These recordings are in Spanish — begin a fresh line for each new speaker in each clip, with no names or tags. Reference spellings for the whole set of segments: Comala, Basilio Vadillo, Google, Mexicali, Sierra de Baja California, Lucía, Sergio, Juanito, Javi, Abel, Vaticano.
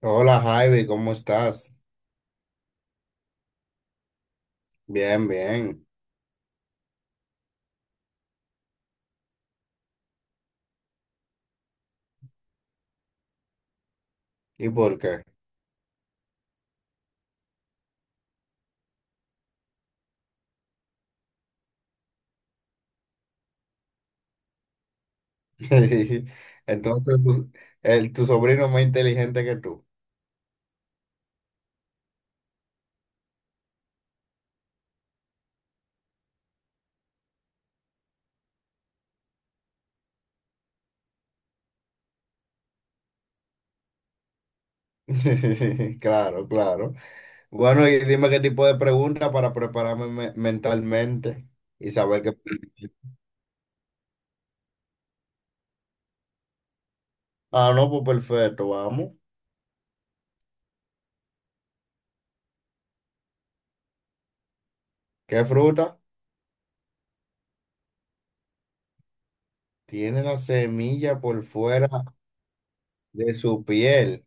Hola Javi, ¿cómo estás? Bien, bien. ¿Y por qué? Entonces, tu sobrino es más inteligente que tú. Claro, claro. Bueno, y dime qué tipo de pregunta para prepararme mentalmente y saber qué... Ah, no, pues perfecto, vamos. ¿Qué fruta? Tiene la semilla por fuera de su piel.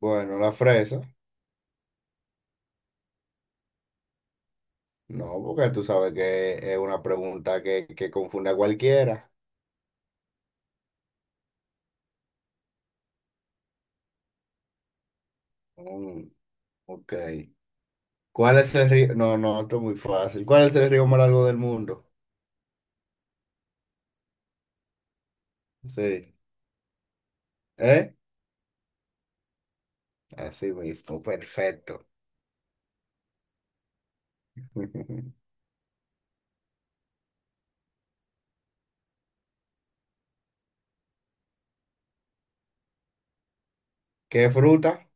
Bueno, la fresa. No, porque tú sabes que es una pregunta que confunde a cualquiera. Mm, ok. ¿Cuál es el río? No, no, esto es muy fácil. ¿Cuál es el río más largo del mundo? Sí. ¿Eh? Así mismo, perfecto. ¿Qué fruta?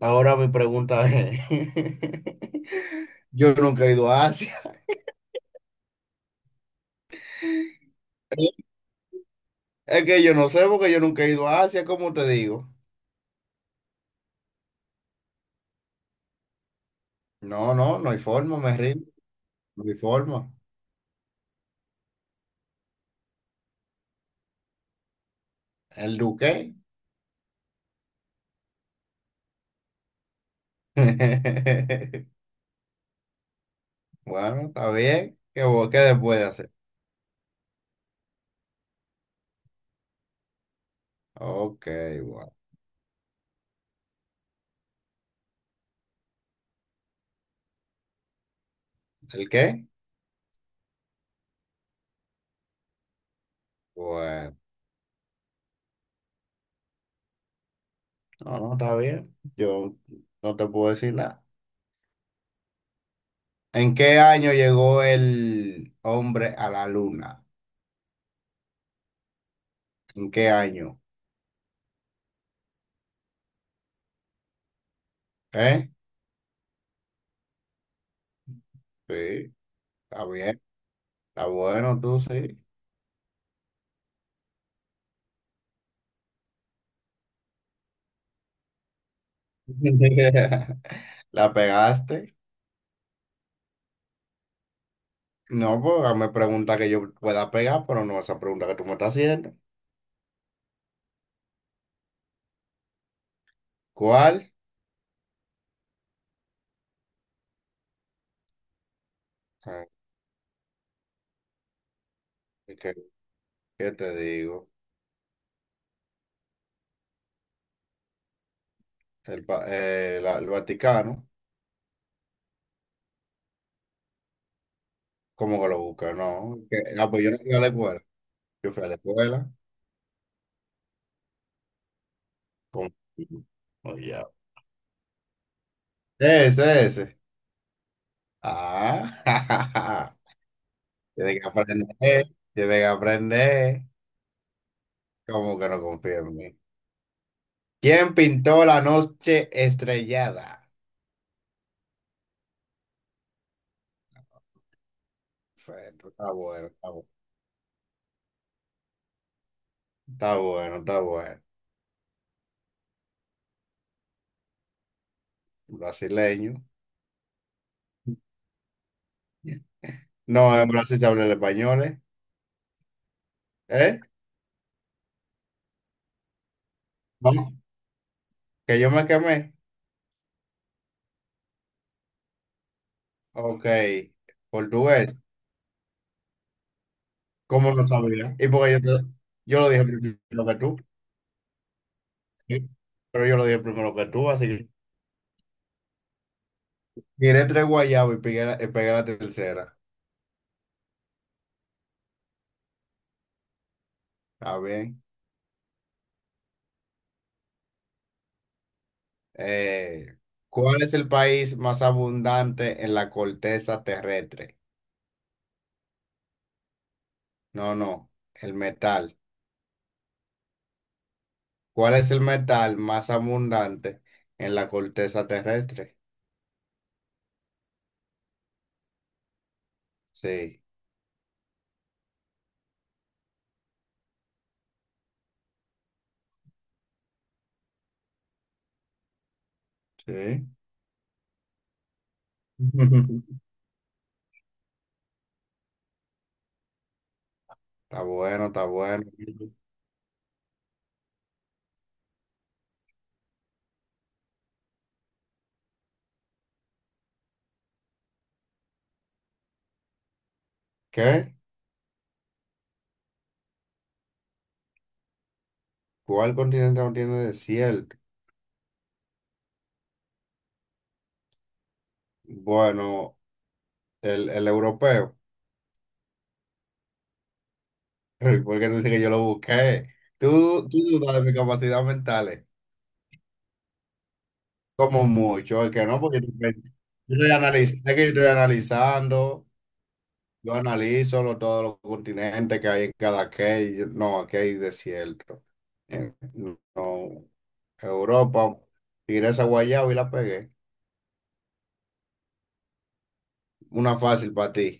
Ahora mi pregunta es, yo nunca he ido a Asia. Es que yo no sé porque yo nunca he ido a Asia, ¿cómo te digo? No, no, no hay forma, me rindo, no hay forma. ¿El duque? Bueno, está bien. ¿Qué, qué después puede hacer? Ok, bueno. ¿El qué? Bueno. No, no, está bien. Yo no te puedo decir nada. ¿En qué año llegó el hombre a la luna? ¿En qué año? ¿Eh? Sí, está bien. Está bueno, tú sí. ¿La pegaste? No, pues hazme pregunta que yo pueda pegar, pero no esa pregunta que tú me estás haciendo. ¿Cuál? Ah, ¿Qué, qué te digo? El, el Vaticano. ¿Cómo que lo busca? No. ¿Qué? Ah, pues yo no fui a la escuela. Yo fui a la escuela. ¿Cómo? Oye. Ese, ese. Ah, jajaja tiene que aprender, tiene que aprender. ¿Cómo que no confía en mí? ¿Quién pintó la noche estrellada? Perfecto, está bueno, está bueno, está bueno, está bueno. Brasileño. No, en Brasil se habla el español, ¿eh? ¿Eh? No, que yo me quemé. Ok, portugués. ¿Cómo no sabía? Y porque yo lo dije primero que tú. ¿Sí? Pero yo lo dije primero que tú, así que... Tiré tres guayabos y pegué la tercera. A ver. Eh, ¿Cuál es el país más abundante en la corteza terrestre? No, no, el metal. ¿Cuál es el metal más abundante en la corteza terrestre? Sí, sí. Está bueno, está bueno. ¿Qué? ¿Cuál continente no tiene desierto? Bueno, el europeo. Porque no sé que yo lo busqué. Tú dudas de mis capacidades mentales. Como mucho, es que no, porque yo estoy analizando, que yo estoy analizando, yo analizo todos los continentes que hay en cada que, no, aquí hay desierto. Eh, no, Europa, tiré esa guayaba y la pegué. Una fácil para ti.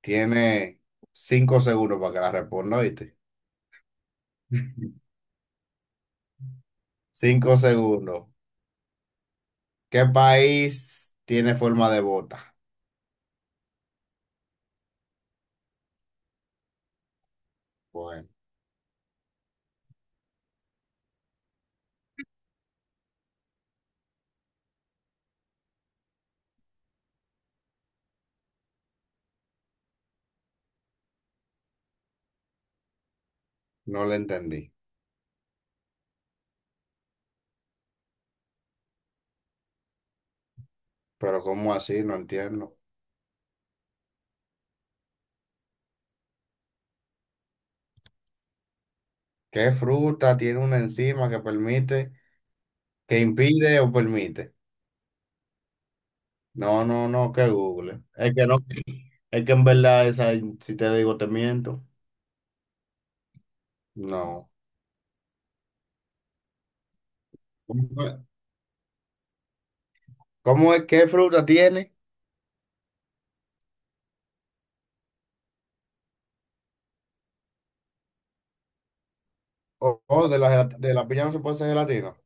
Tiene 5 segundos para que la responda, ¿viste? 5 segundos. ¿Qué país tiene forma de bota? Bueno, no le entendí. Pero ¿cómo así? No entiendo. ¿Qué fruta tiene una enzima que permite, que impide o permite? No, no, no, que Google. Es que no, es que en verdad esa, si te digo, te miento. No. ¿Cómo es? ¿Cómo es? ¿Qué fruta tiene? O de la piña no se puede hacer gelatina.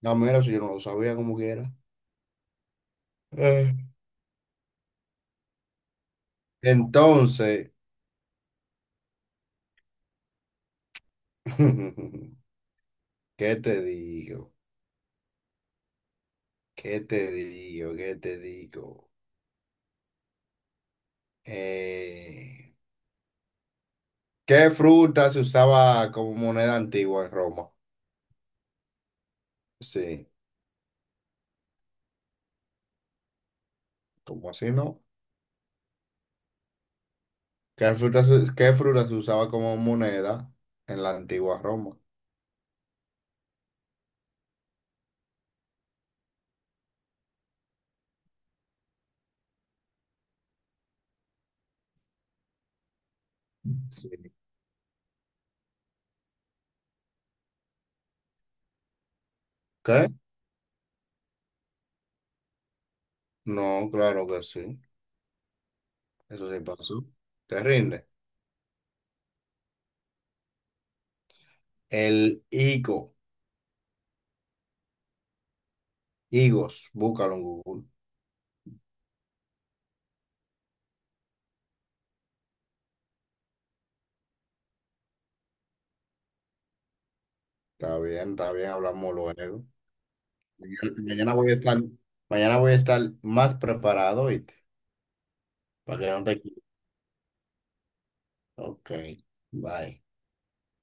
No, mira, si yo no lo sabía como quiera. Eh. Entonces, ¿qué te digo? ¿Qué te digo? ¿Qué te digo? Eh, ¿Qué fruta se usaba como moneda antigua en Roma? Sí, ¿cómo así no? ¿Qué fruta, qué fruta se usaba como moneda en la antigua Roma? Sí. ¿Qué? No, claro que sí. Eso sí pasó. Te rinde. El higo. Higos. Búscalo en Google. Está bien, está bien. Hablamos luego. Mañana voy a estar, mañana voy a estar más preparado, ¿oíste? Para que no te... equivoques. Ok. Bye.